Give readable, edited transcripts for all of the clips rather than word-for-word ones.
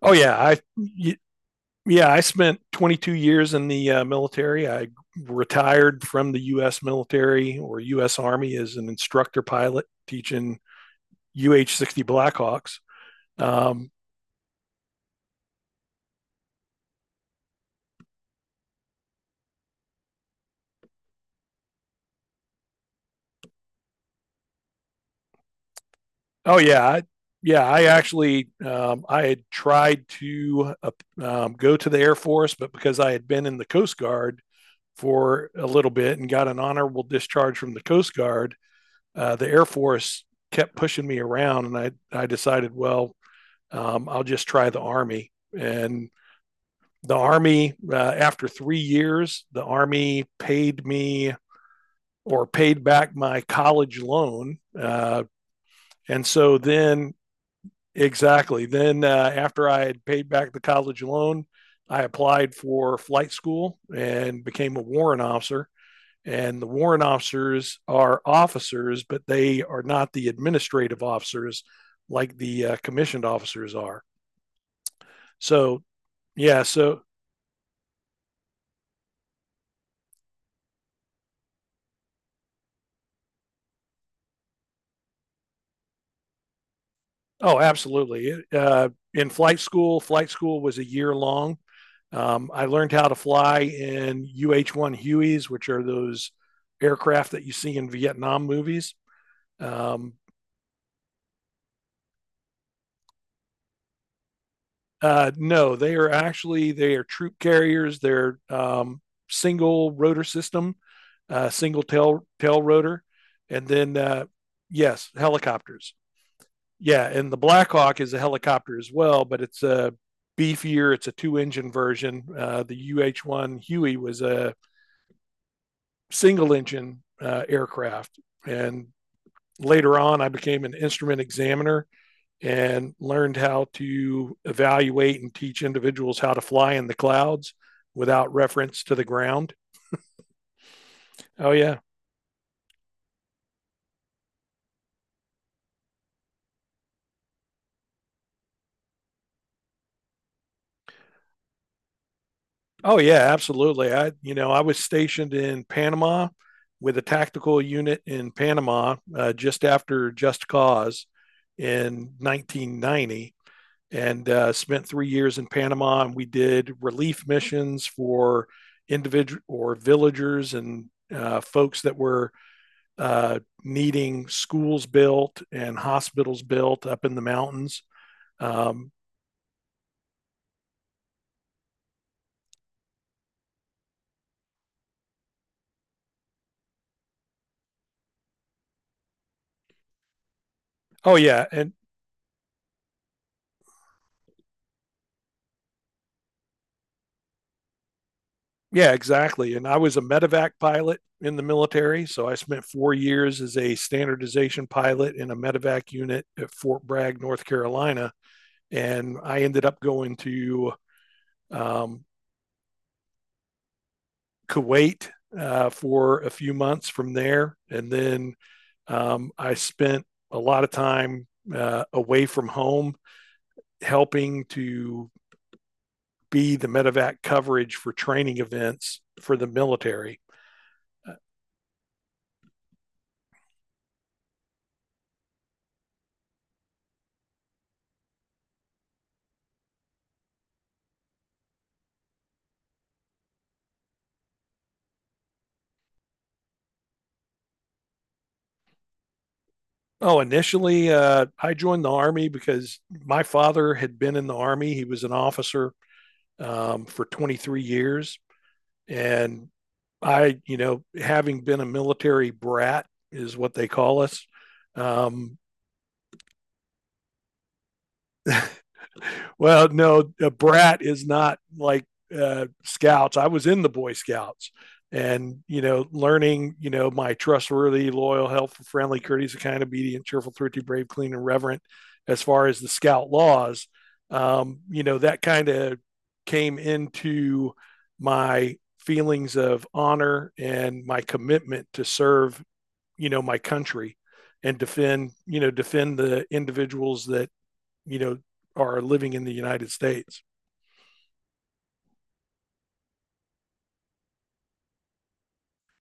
Oh yeah, I spent 22 years in the military. I retired from the U.S. military or U.S. Army as an instructor pilot teaching UH-60 Blackhawks. Um, oh yeah, I, yeah. I actually I had tried to go to the Air Force, but because I had been in the Coast Guard for a little bit and got an honorable discharge from the Coast Guard, the Air Force kept pushing me around, and I decided, well, I'll just try the Army. And the Army, after 3 years, the Army paid me or paid back my college loan. And so then, exactly, then after I had paid back the college loan, I applied for flight school and became a warrant officer. And the warrant officers are officers, but they are not the administrative officers like the commissioned officers are. So, yeah. Oh, absolutely. In flight school was a year long. I learned how to fly in UH 1 Hueys, which are those aircraft that you see in Vietnam movies. Um, no, they are actually they are troop carriers. They're single rotor system, single tail rotor, and then yes, helicopters. Yeah, and the Blackhawk is a helicopter as well, but it's a beefier. It's a two-engine version. The UH-1 Huey was a single-engine aircraft, and later on, I became an instrument examiner and learned how to evaluate and teach individuals how to fly in the clouds without reference to the ground. Oh yeah, Oh yeah, absolutely. I, you know, I was stationed in Panama with a tactical unit in Panama just after Just Cause in 1990, and spent 3 years in Panama. And we did relief missions for individual or villagers and folks that were needing schools built and hospitals built up in the mountains. Um, oh yeah, and Yeah, exactly. And I was a medevac pilot in the military. So I spent 4 years as a standardization pilot in a medevac unit at Fort Bragg, North Carolina. And I ended up going to um, Kuwait for a few months from there. And then I spent a lot of time away from home helping to be the medevac coverage for training events for the military. Oh, initially, I joined the Army because my father had been in the Army. He was an officer for 23 years. And I, you know, having been a military brat is what they call us. Um, Well, no, a brat is not like scouts. I was in the Boy Scouts and, you know, learning, you know, my trustworthy, loyal, helpful, friendly, courteous, kind, obedient, cheerful, thrifty, brave, clean, and reverent as far as the scout laws. You know, that kind of came into my feelings of honor and my commitment to serve, you know, my country and defend, you know, defend the individuals that, you know, are living in the United States.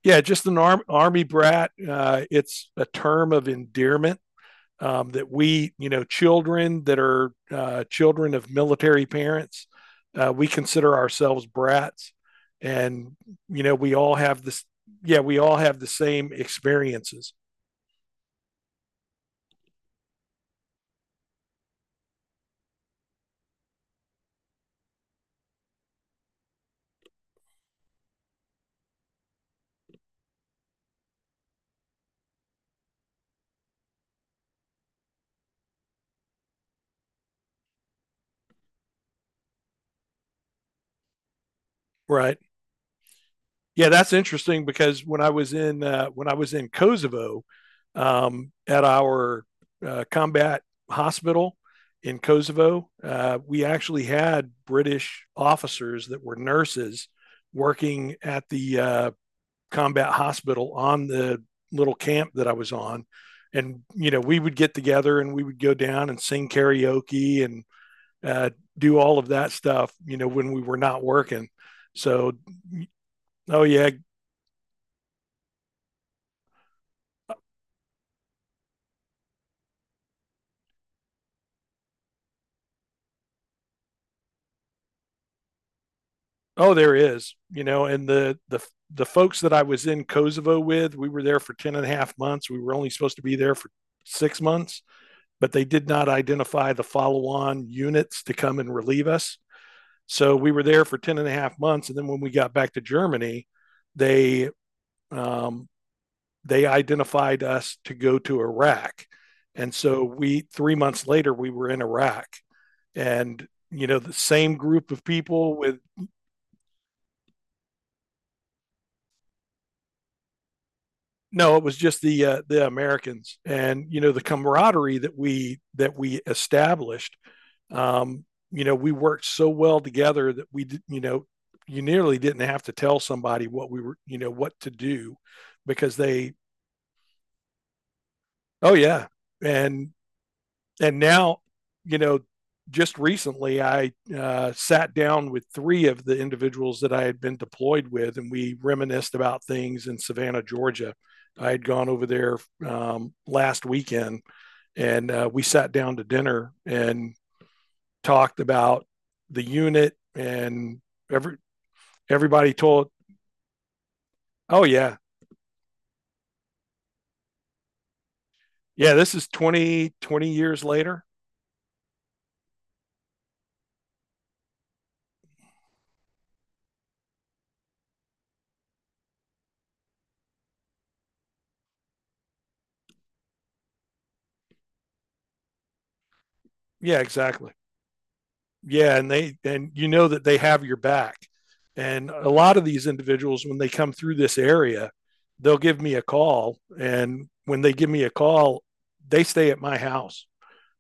Yeah, just an army brat. It's a term of endearment that we, you know, children that are, children of military parents, we consider ourselves brats, and you know, we all have this. Yeah, we all have the same experiences, right? Yeah, that's interesting because when I was in Kosovo at our combat hospital in Kosovo, we actually had British officers that were nurses working at the combat hospital on the little camp that I was on, and you know we would get together and we would go down and sing karaoke and uh, do all of that stuff. You know, when we were not working. So, oh yeah, oh, there is, you know, and the the folks that I was in Kosovo with, we were there for 10 and a half months. We were only supposed to be there for 6 months, but they did not identify the follow on units to come and relieve us. So we were there for 10 and a half months. And then when we got back to Germany, they, um, they identified us to go to Iraq. And so we, 3 months later, we were in Iraq and, you know, the same group of people with. No, it was just the Americans, and you know the camaraderie that we established. Um, you know, we worked so well together that we, you know, you nearly didn't have to tell somebody what we were, you know, what to do, because they, oh yeah, and and now, you know, just recently I sat down with three of the individuals that I had been deployed with, and we reminisced about things in Savannah, Georgia. I had gone over there last weekend, and we sat down to dinner and talked about the unit, and every everybody told, "Oh yeah, yeah, this is 20, years later." Yeah, exactly. Yeah, and they, and you know that they have your back. And a lot of these individuals when they come through this area, they'll give me a call, and when they give me a call, they stay at my house.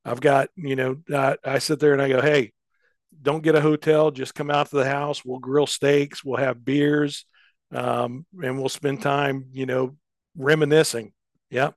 I've got, you know, I sit there and I go, "Hey, don't get a hotel. Just come out to the house. We'll grill steaks. We'll have beers, and we'll spend time, you know, reminiscing. Yeah.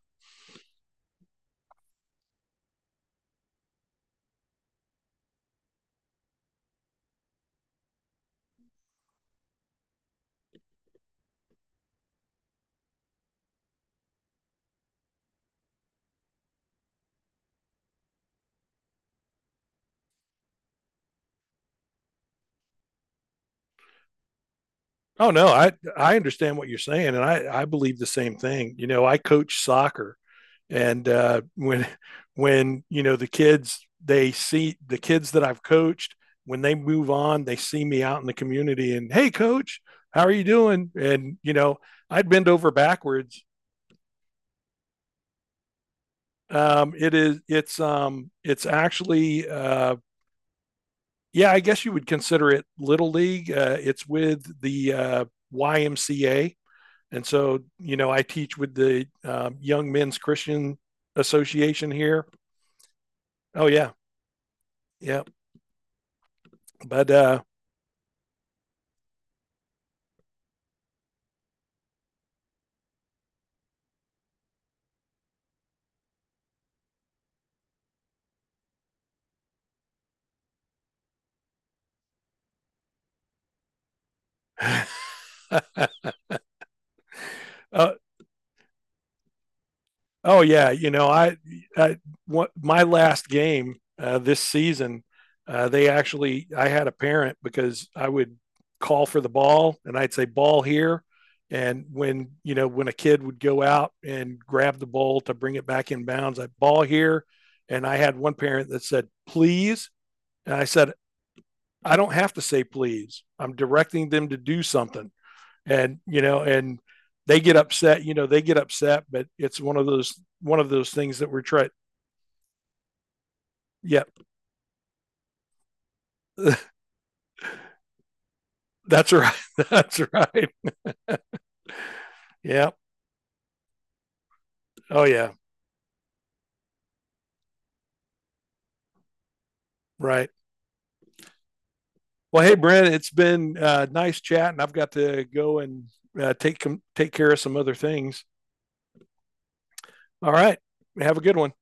Oh no, I understand what you're saying, and I believe the same thing. You know, I coach soccer, and when you know the kids, they see the kids that I've coached when they move on, they see me out in the community and, hey, coach, how are you doing? And you know, I'd bend over backwards. It is. It's actually. Yeah, I guess you would consider it little league. It's with the YMCA, and so you know I teach with the Young Men's Christian Association here. Oh yeah, yeah. But uh, Oh yeah, you know I my last game this season, they actually, I had a parent, because I would call for the ball and I'd say ball here, and when you know when a kid would go out and grab the ball to bring it back in bounds, I ball here, and I had one parent that said please, and I said I don't have to say please, I'm directing them to do something, and you know and they get upset, you know they get upset, but it's one of those things that we're trying. Yeah, that's right. That's right. Yeah, oh yeah, right. Well, hey, Brent, it's been nice chat, and I've got to go and uh, take take care of some other things. All right, have a good one.